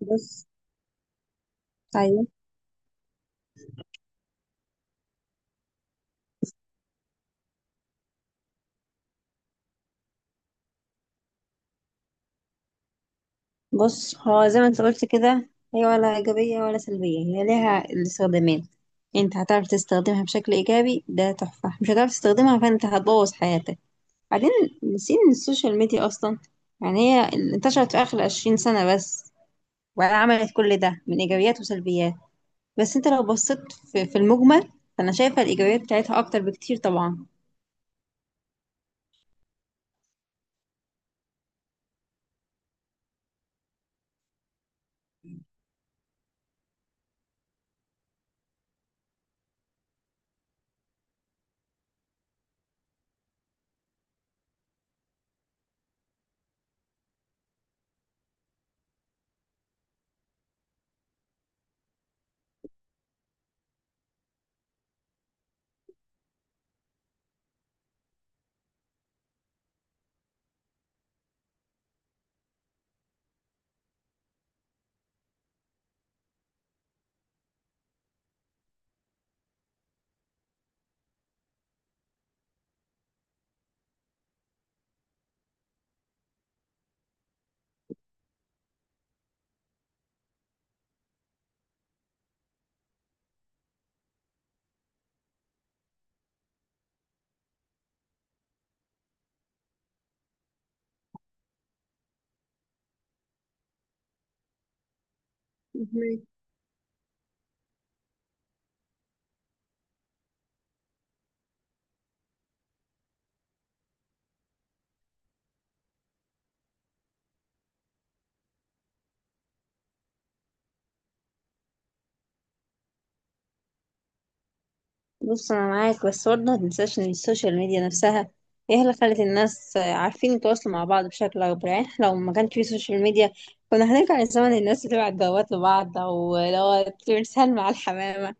بص، ايوه. بص، هو زي ما انت قلت كده، هي ولا ايجابيه ولا سلبيه، هي ليها الاستخدامين. انت هتعرف تستخدمها بشكل ايجابي ده تحفه، مش هتعرف تستخدمها فانت هتبوظ حياتك. بعدين نسينا إن السوشيال ميديا اصلا يعني هي انتشرت في اخر 20 سنه بس، وعملت كل ده من ايجابيات وسلبيات. بس انت لو بصيت في المجمل، فانا شايفه الايجابيات بتاعتها اكتر بكتير طبعا. بص انا معاك، بس برضه ما تنساش ان السوشيال ميديا نفسها هي اللي خلت الناس عارفين يتواصلوا مع بعض بشكل اكبر. يعني إحنا لو ما كانش في سوشيال ميديا كنا هنرجع لزمن الناس بتبعت جوابات لبعض، او لو بترسل مع الحمامه.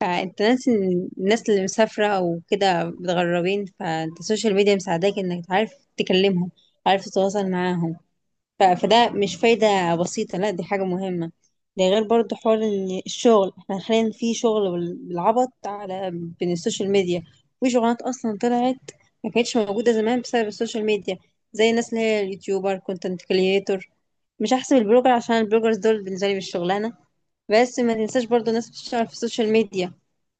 فانت ناسي إن الناس اللي مسافره او كده متغربين، فانت السوشيال ميديا مساعداك انك تعرف تكلمهم، عارف تتواصل معاهم. ف- فده مش فايدة بسيطة، لا دي حاجة مهمة. ده غير برضو حوار ان الشغل، احنا حاليا في شغل بالعبط على بين السوشيال ميديا. وفي شغلانات اصلا طلعت، ما كانتش موجودة زمان، بسبب السوشيال ميديا. زي الناس اللي هي اليوتيوبر، كونتنت كريتور. مش هحسب البلوجر عشان البلوجرز دول بالنسبة لي مش شغلانة. بس ما تنساش برضو الناس بتشتغل في السوشيال ميديا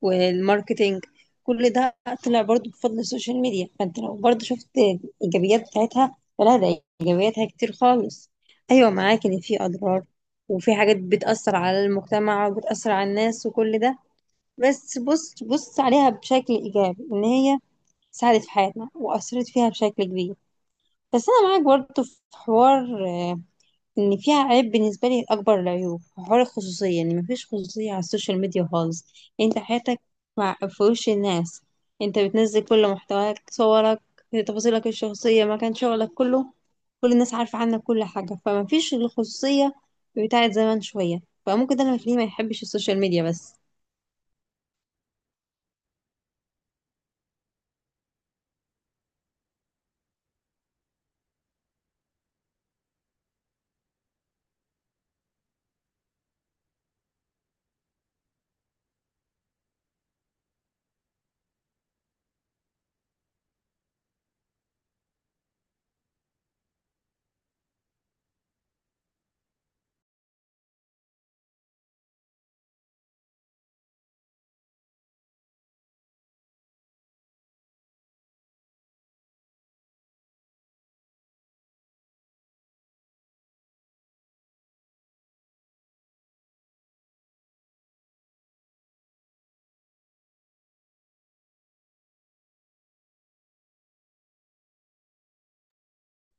والماركتينج، كل ده طلع برضو بفضل السوشيال ميديا. فانت لو برضو شفت الايجابيات بتاعتها، فلا ده ايجابياتها كتير خالص. ايوه معاك ان في اضرار وفي حاجات بتأثر على المجتمع وبتأثر على الناس وكل ده، بس بص، بص عليها بشكل ايجابي ان هي ساعدت في حياتنا واثرت فيها بشكل كبير. بس انا معاك برضو في حوار، آه، ان فيها عيب. بالنسبه لي اكبر العيوب حوار الخصوصيه، ان مفيش خصوصيه على السوشيال ميديا خالص. انت حياتك مع في وش الناس، انت بتنزل كل محتواك، صورك، تفاصيلك الشخصيه، مكان شغلك كله، كل الناس عارفه عنك كل حاجه، فمفيش الخصوصيه بتاعت زمان شويه. فممكن ده اللي مخليه ما يحبش السوشيال ميديا بس.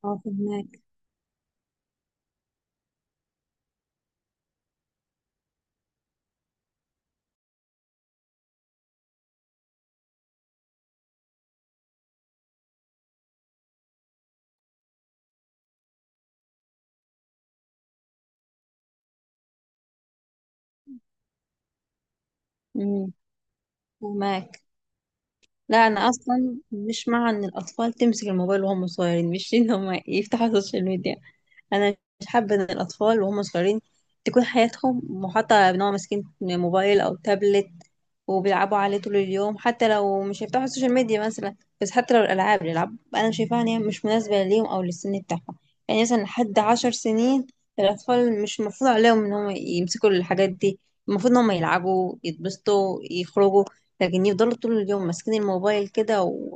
اه، فهماك. امم. فهماك. لا انا اصلا مش مع ان الاطفال تمسك الموبايل وهم صغيرين، مش ان هم يفتحوا السوشيال ميديا. انا مش حابه ان الاطفال وهم صغيرين تكون حياتهم محاطه بان هو ماسكين موبايل او تابلت وبيلعبوا عليه طول اليوم، حتى لو مش هيفتحوا السوشيال ميديا مثلا. بس حتى لو الالعاب، الالعاب انا شايفاها ان هي مش مناسبه ليهم او للسن بتاعهم. يعني مثلا لحد 10 سنين، الاطفال مش المفروض عليهم ان هم يمسكوا الحاجات دي. المفروض ان هم يلعبوا، يتبسطوا، يخرجوا. لكن يفضلوا طول اليوم ماسكين الموبايل كده،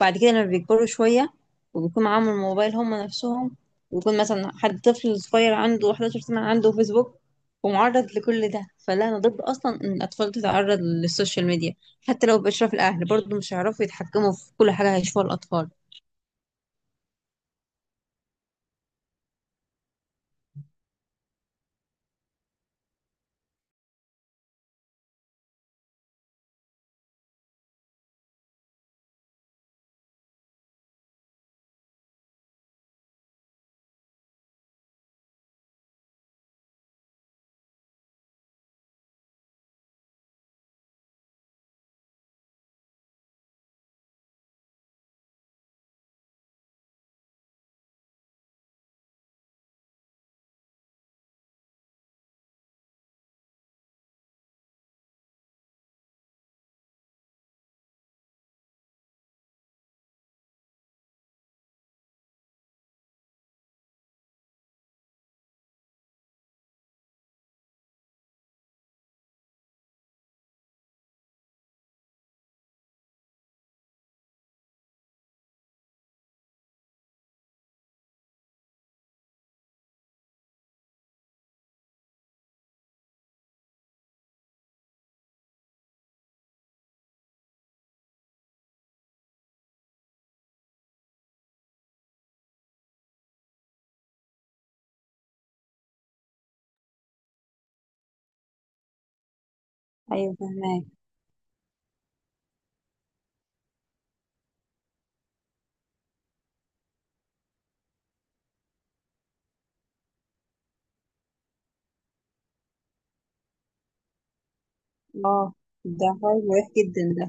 وبعد كده لما بيكبروا شويه وبيكون معاهم الموبايل هم نفسهم، ويكون مثلا حد طفل صغير عنده 11 سنة عنده فيسبوك ومعرض لكل ده. فلا أنا ضد أصلا إن الأطفال تتعرض للسوشيال ميديا. حتى لو بإشراف الأهل برضه مش هيعرفوا يتحكموا في كل حاجة هيشوفوها الأطفال. ايوه فهماك. اه، ده حوار مريح جدا ده.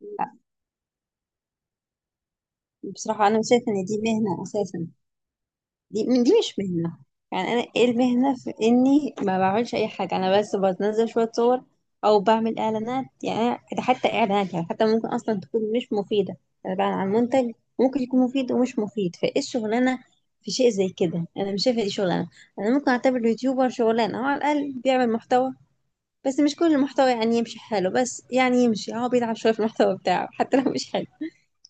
لا، بصراحة انا شايفة ان دي مهنة اساسا، دي من، دي مش مهنة. يعني انا ايه المهنة في اني ما بعملش اي حاجة، انا بس بنزل شوية صور او بعمل اعلانات. يعني ده حتى اعلانات يعني حتى ممكن اصلا تكون مش مفيدة، انا بعلن عن منتج ممكن يكون مفيد ومش مفيد. فايه الشغلانة في شيء زي كده؟ انا مش شايفة دي شغلانة. انا ممكن اعتبر اليوتيوبر شغلانة، هو على الاقل بيعمل محتوى، بس مش كل المحتوى يعني يمشي حاله، بس يعني يمشي، هو بيلعب شوية في المحتوى بتاعه حتى لو مش حلو.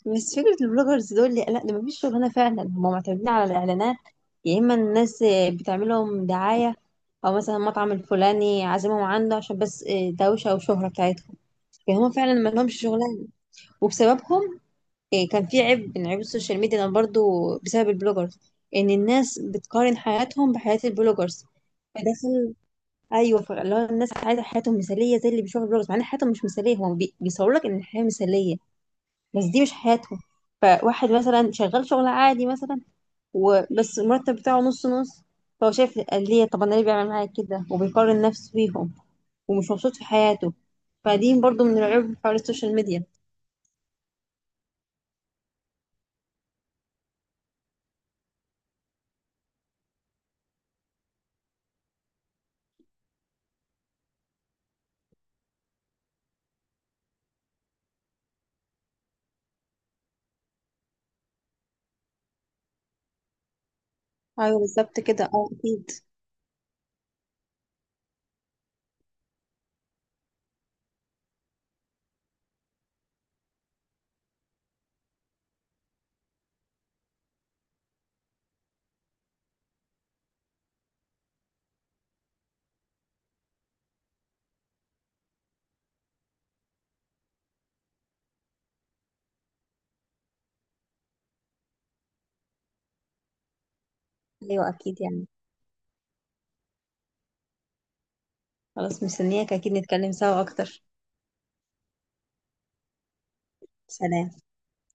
بس فكرة البلوجرز دول لا، لا، ده مفيش شغلانة فعلا. هما معتمدين على الإعلانات، يا إما الناس آه، بتعمل لهم دعاية، أو مثلا المطعم الفلاني عازمهم عنده عشان بس آه، دوشة وشهرة بتاعتهم. فهم فعلا ما لهمش شغلانة. وبسببهم، آه، كان في عيب من عيوب السوشيال ميديا أنا برضو، بسبب البلوجرز، إن الناس بتقارن حياتهم بحياة البلوجرز. فدخل. أيوه، فاللي هو الناس عايزة حياتهم مثالية زي اللي بيشوفوا البلوجرز، مع إن حياتهم مش مثالية. هو بيصور لك إن الحياة مثالية، بس دي مش حياته. فواحد مثلا شغال شغل عادي مثلا وبس، المرتب بتاعه نص نص، فهو شايف ليه، طب انا ليه بيعمل معايا كده، وبيقارن نفسه بيهم ومش مبسوط في حياته. فدي برضو من العيوب حوار السوشيال ميديا. ايوه بالظبط كده، اه اكيد. ايوه اكيد يعني. خلاص، مستنياك اكيد نتكلم سوا اكتر. سلام.